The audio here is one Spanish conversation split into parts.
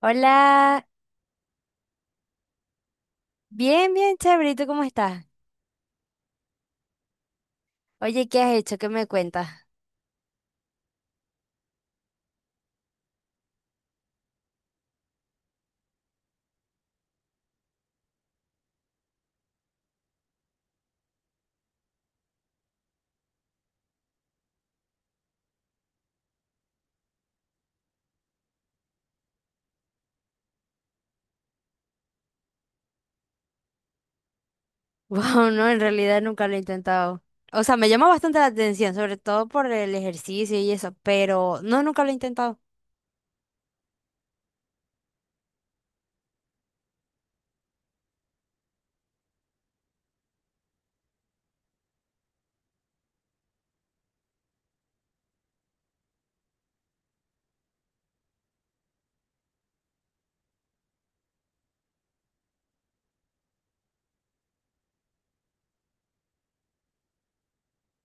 Hola, bien, bien, chévere, ¿y tú cómo estás? Oye, ¿qué has hecho? ¿Qué me cuentas? Wow, no, en realidad nunca lo he intentado. O sea, me llama bastante la atención, sobre todo por el ejercicio y eso, pero no, nunca lo he intentado.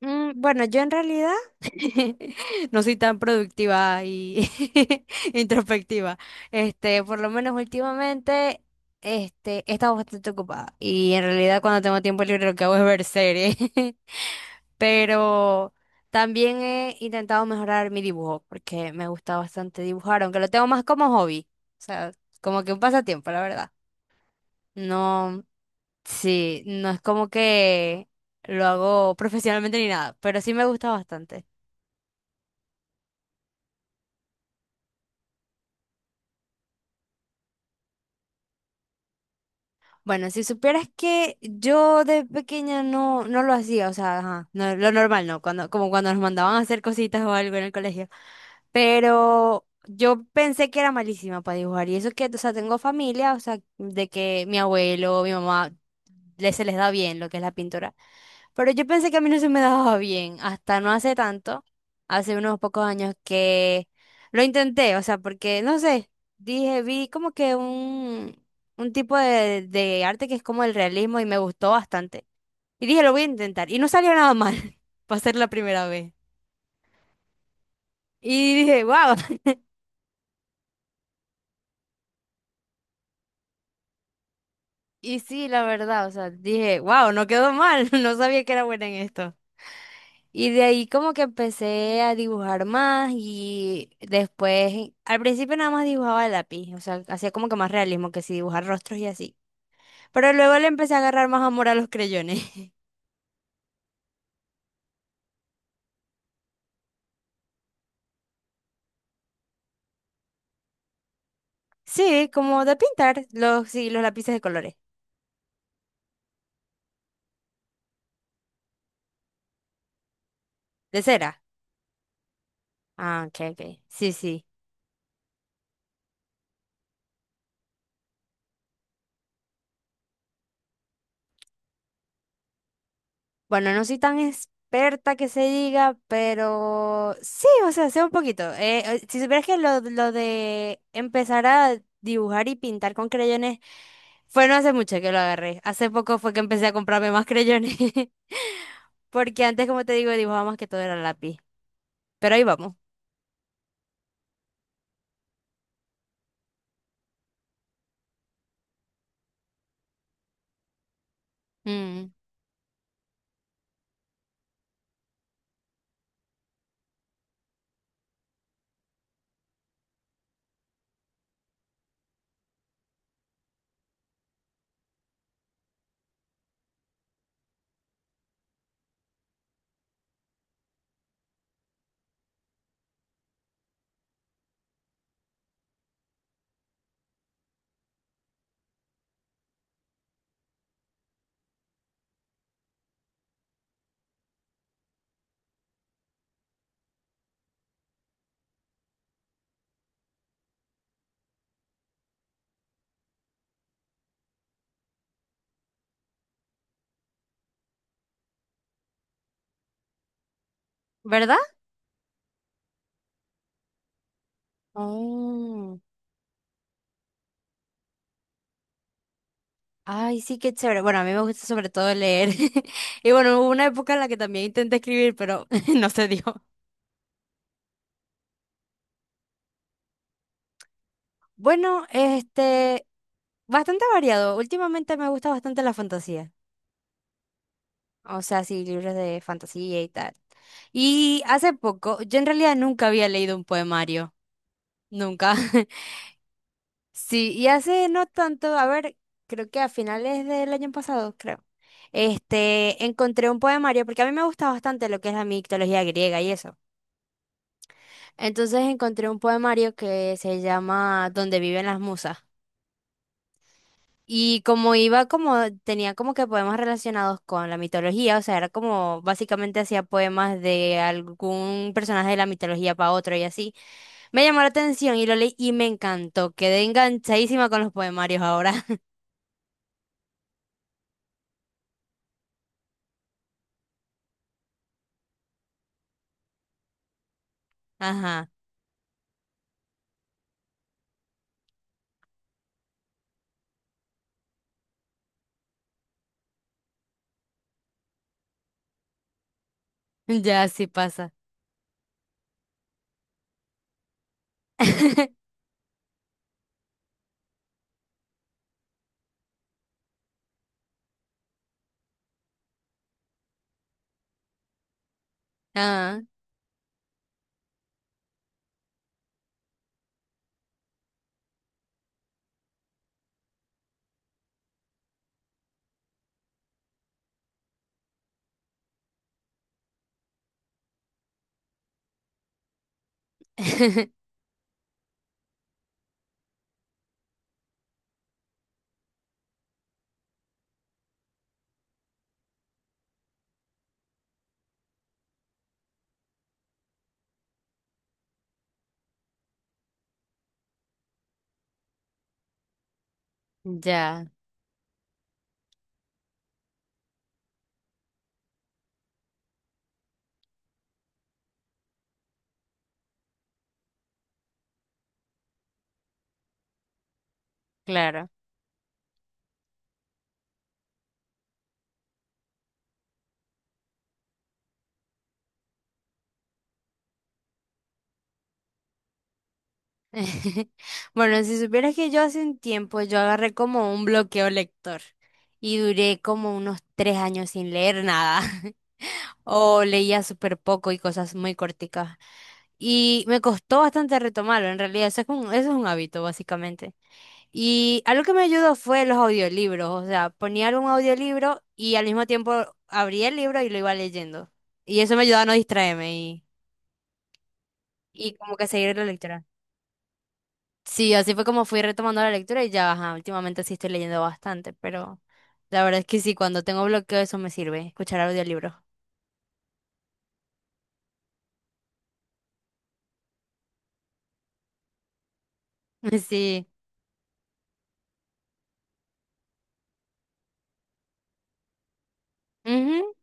Bueno, yo en realidad no soy tan productiva y introspectiva. Por lo menos últimamente, he estado bastante ocupada y en realidad cuando tengo tiempo libre lo que hago es ver series. Pero también he intentado mejorar mi dibujo porque me gusta bastante dibujar, aunque lo tengo más como hobby, o sea, como que un pasatiempo, la verdad. No, sí, no es como que lo hago profesionalmente ni nada, pero sí me gusta bastante. Bueno, si supieras que yo de pequeña no, no lo hacía, o sea, ajá, lo normal, ¿no? Como cuando nos mandaban a hacer cositas o algo en el colegio. Pero yo pensé que era malísima para dibujar. Y eso que, o sea, tengo familia, o sea, de que mi abuelo, mi mamá, se les da bien lo que es la pintura. Pero yo pensé que a mí no se me daba bien, hasta no hace tanto, hace unos pocos años que lo intenté, o sea, porque, no sé, dije, vi como que un tipo de arte que es como el realismo y me gustó bastante. Y dije, lo voy a intentar. Y no salió nada mal para ser la primera vez. Y dije, wow. Y sí, la verdad, o sea, dije, wow, no quedó mal. No sabía que era buena en esto. Y de ahí como que empecé a dibujar más y después, al principio nada más dibujaba de lápiz, o sea, hacía como que más realismo, que si dibujar rostros y así. Pero luego le empecé a agarrar más amor a los creyones. Sí, como de pintar los, sí, los lápices de colores, de cera. Ah, ok, ok. Sí, sí. Bueno, no soy tan experta que se diga, pero sí, o sea, sé un poquito. Si supieras que lo de empezar a dibujar y pintar con creyones fue no hace mucho que lo agarré. Hace poco fue que empecé a comprarme más creyones. Porque antes, como te digo, dibujaba más que todo era lápiz. Pero ahí vamos. Mm. ¿Verdad? Oh, ay, sí, qué chévere. Bueno, a mí me gusta sobre todo leer. Y bueno, hubo una época en la que también intenté escribir, pero no se dio. Bueno, bastante variado. Últimamente me gusta bastante la fantasía. O sea, sí, libros de fantasía y tal. Y hace poco, yo en realidad nunca había leído un poemario. Nunca. Sí, y hace no tanto, a ver, creo que a finales del año pasado, creo. Encontré un poemario, porque a mí me gusta bastante lo que es la mitología griega y eso. Entonces encontré un poemario que se llama Donde viven las musas. Y como iba como, Tenía como que poemas relacionados con la mitología, o sea, era como básicamente hacía poemas de algún personaje de la mitología para otro y así. Me llamó la atención y lo leí y me encantó. Quedé enganchadísima con los poemarios ahora. Ajá, ya sí pasa. Ah, ya, claro. Bueno, si supieras que yo hace un tiempo yo agarré como un bloqueo lector y duré como unos 3 años sin leer nada. O leía súper poco y cosas muy corticas. Y me costó bastante retomarlo, en realidad, eso es un hábito, básicamente. Y algo que me ayudó fue los audiolibros, o sea, ponía algún audiolibro y al mismo tiempo abría el libro y lo iba leyendo. Y eso me ayudaba a no distraerme y como que seguir la lectura. Sí, así fue como fui retomando la lectura y ya, ajá, últimamente sí estoy leyendo bastante, pero la verdad es que sí, cuando tengo bloqueo eso me sirve, escuchar audiolibros. Sí. Ujú.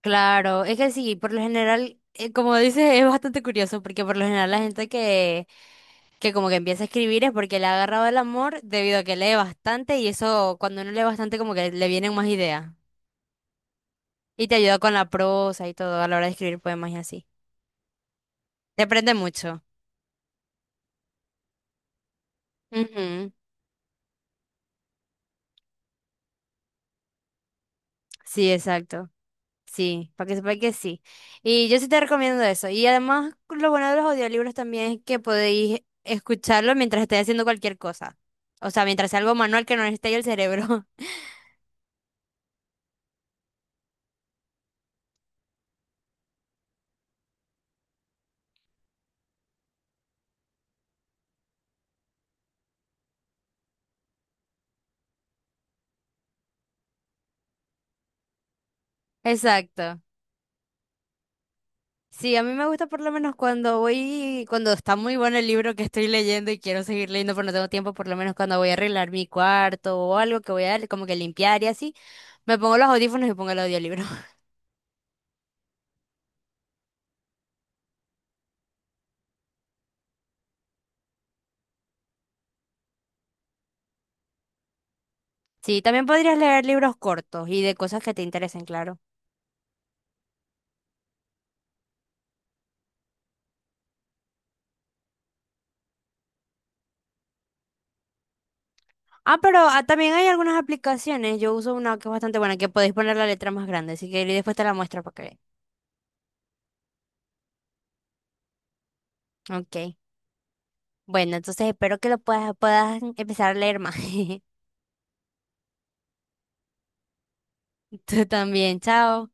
Claro, es que sí, por lo general, como dices, es bastante curioso porque por lo general la gente que como que empieza a escribir es porque le ha agarrado el amor debido a que lee bastante y eso cuando uno lee bastante como que le vienen más ideas y te ayuda con la prosa y todo a la hora de escribir poemas y así. Te aprende mucho. Ujú. Sí, exacto. Sí, para que sepa que sí. Y yo sí te recomiendo eso. Y además lo bueno de los audiolibros también es que podéis escucharlo mientras estéis haciendo cualquier cosa. O sea, mientras sea algo manual que no necesite el cerebro. Exacto. Sí, a mí me gusta por lo menos cuando está muy bueno el libro que estoy leyendo y quiero seguir leyendo pero no tengo tiempo, por lo menos cuando voy a arreglar mi cuarto o algo que voy a como que limpiar y así, me pongo los audífonos y pongo el audiolibro. Sí, también podrías leer libros cortos y de cosas que te interesen, claro. Ah, pero también hay algunas aplicaciones, yo uso una que es bastante buena, que podéis poner la letra más grande, así que después te la muestro para que veas. Ok. Bueno, entonces espero que lo puedas empezar a leer más. Tú también, chao.